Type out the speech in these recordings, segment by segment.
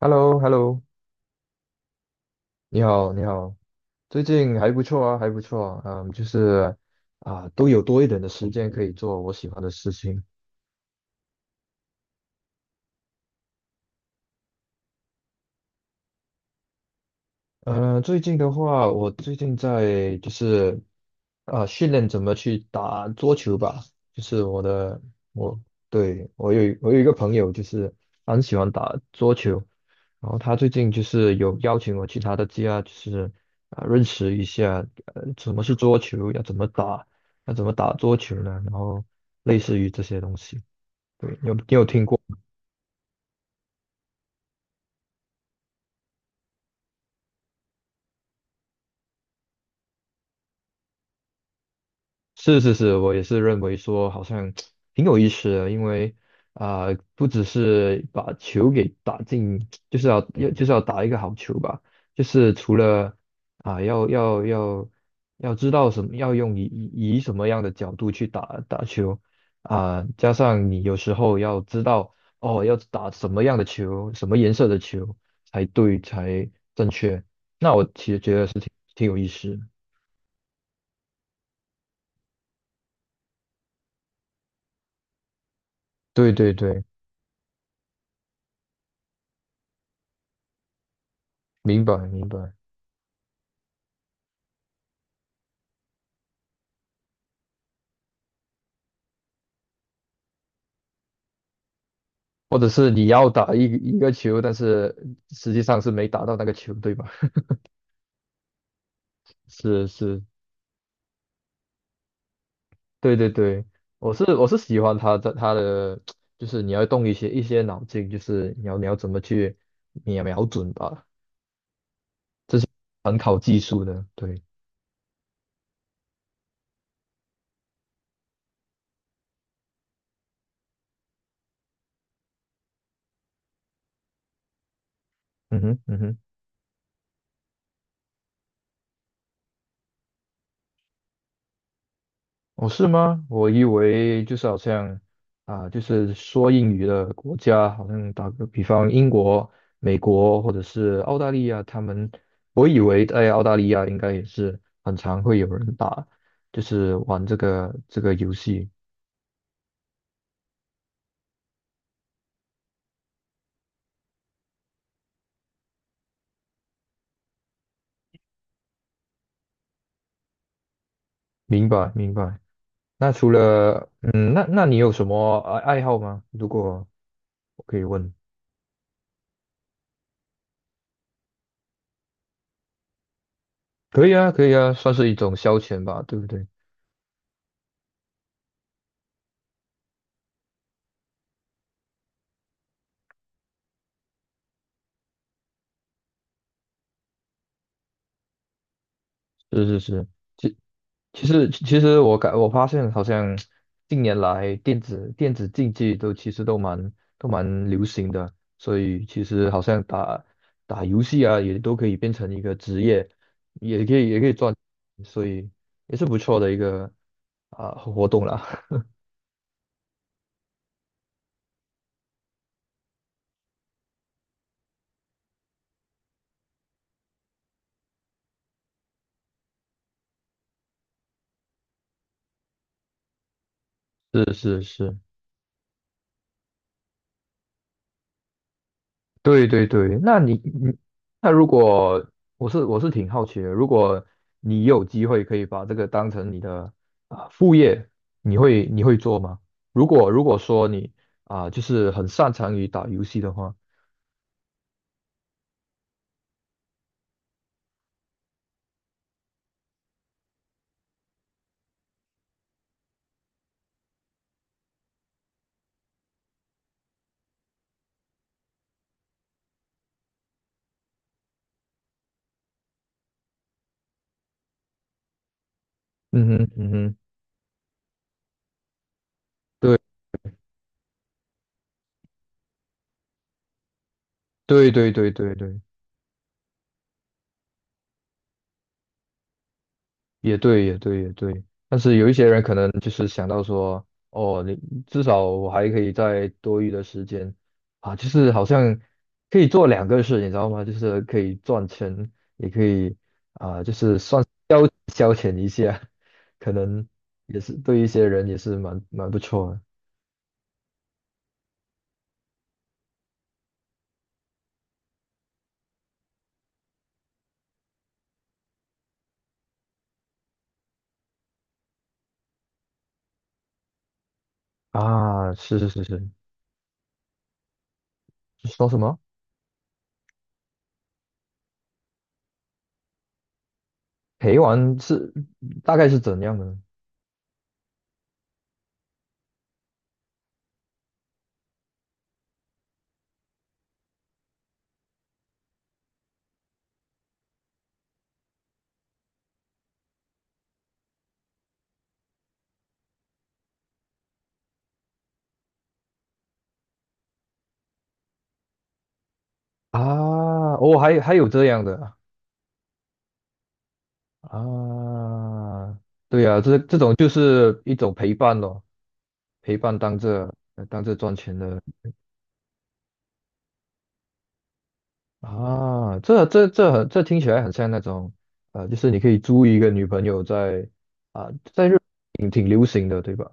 h e l l o h e l l o 你好，你好，最近还不错啊，还不错啊，就是啊，都有多一点的时间可以做我喜欢的事情。最近的话，我最近在就是训练怎么去打桌球吧。就是我的我对，我有一个朋友，就是他很喜欢打桌球。然后他最近就是有邀请我去他的家，就是认识一下什么是桌球，要怎么打，要怎么打桌球呢？然后类似于这些东西。对，你有听过？是是是，我也是认为说好像挺有意思的。因为不只是把球给打进，就是就是要打一个好球吧。就是除了要要知道什么，要用以什么样的角度去打球。加上你有时候要知道哦，要打什么样的球，什么颜色的球才正确。那我其实觉得是挺有意思的。对对对，明白明白。或者是你要打一个球，但是实际上是没打到那个球，对吧？是是，对对对，我是喜欢他的，就是你要动一些脑筋，就是你要怎么去瞄准吧，很考技术的，对。嗯哼嗯哼。哦，是吗？我以为就是好像就是说英语的国家，好像打个比方，英国、美国或者是澳大利亚，他们，我以为在澳大利亚应该也是很常会有人打，就是玩这个游戏。明白，明白。那除了那你有什么爱好吗？如果我可以问。可以啊，可以啊，算是一种消遣吧，对不对？是是是。其实我发现，好像近年来电子竞技其实都蛮流行的。所以其实好像打游戏啊，也都可以变成一个职业，也可以赚。所以也是不错的一个活动啦。是是是，对对对。那你你那如果我是挺好奇的，如果你有机会可以把这个当成你的副业，你会做吗？如果说你就是很擅长于打游戏的话。嗯哼嗯哼，对对对对对对。也对，也对，也对。但是有一些人可能就是想到说，哦，你至少我还可以在多余的时间就是好像可以做两个事，你知道吗？就是可以赚钱，也可以消遣一下。可能也是对一些人也是蛮不错的啊。是是是是，说什么陪玩大概是怎样的呢？啊？哦，还有这样的啊，对呀，这这种就是一种陪伴咯，陪伴当这赚钱的啊。这听起来很像那种，就是你可以租一个女朋友啊，在日本挺流行的，对吧？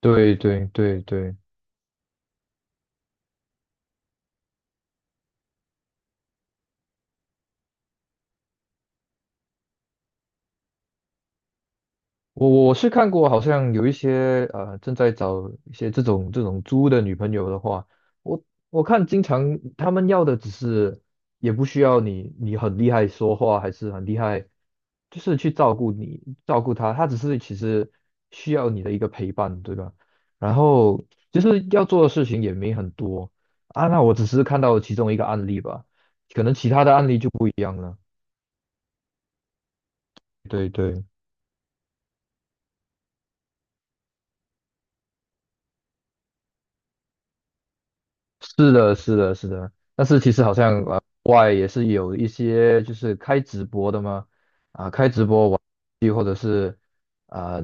对对对对。我是看过，好像有一些正在找一些这种猪的女朋友的话，我我看经常他们要的只是也不需要你很厉害说话，还是很厉害，就是去照顾你照顾他，他只是其实需要你的一个陪伴，对吧？然后就是要做的事情也没很多那我只是看到其中一个案例吧，可能其他的案例就不一样了。对对。是的，是的，是的。但是其实好像国外也是有一些就是开直播的嘛，开直播玩游戏或者是啊、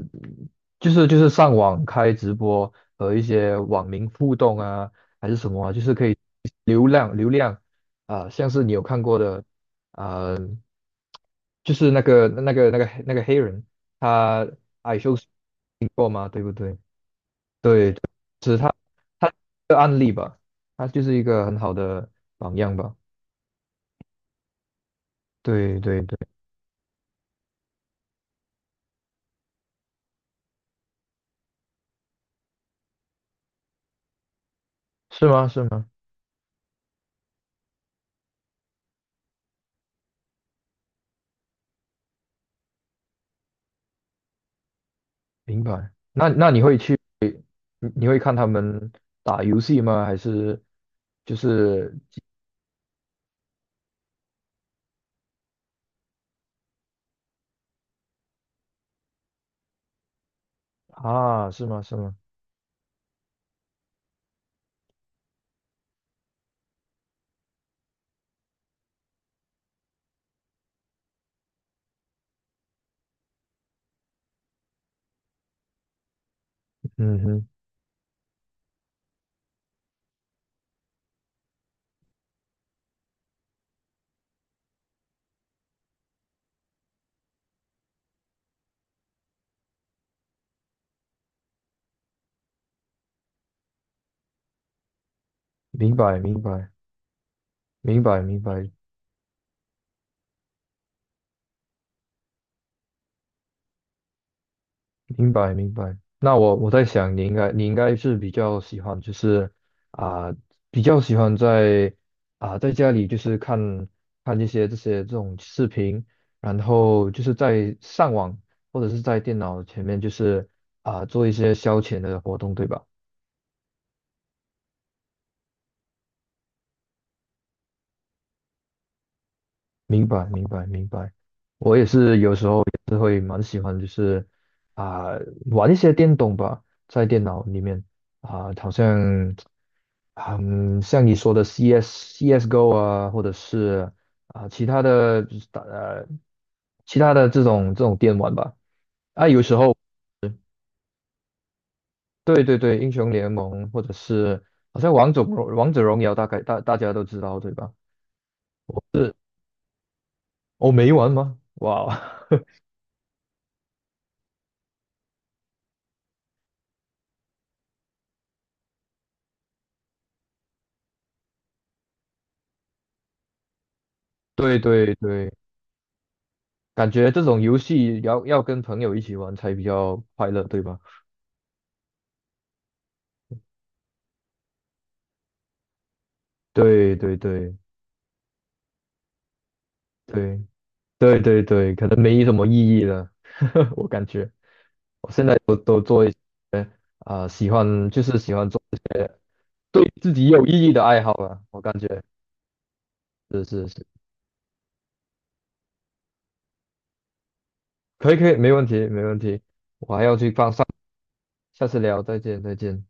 就是上网开直播和一些网民互动啊，还是什么啊，就是可以流量像是你有看过的啊、就是那个黑人。他矮修过嘛，对不对？对。他的案例吧，他就是一个很好的榜样吧。对对对，是吗？是吗？明白。那你会去，你会看他们打游戏吗？还是就是啊？是吗？是吗？嗯哼，明白明白明白明白。明白明白。那我我在想，你应该是比较喜欢，就是啊、比较喜欢在在家里就是看看一些这些这种视频，然后就是在上网或者是在电脑前面，就是做一些消遣的活动，对吧？明白明白明白。我也是有时候啊、玩一些电动吧，在电脑里面好像像你说的 CS、CS:GO 啊，或者是其他的就是其他的这种电玩吧。啊，有时候对对对，英雄联盟或者是好像王者荣耀，大概大家都知道对吧？哦，没玩吗？哇，对对对，感觉这种游戏要跟朋友一起玩才比较快乐，对吧？对对对。对对对对，可能没什么意义了，我感觉我现在都做一些喜欢就是喜欢做对自己有意义的爱好了，我感觉是是是，可以可以，没问题没问题，我还要去放上，下次聊，再见再见。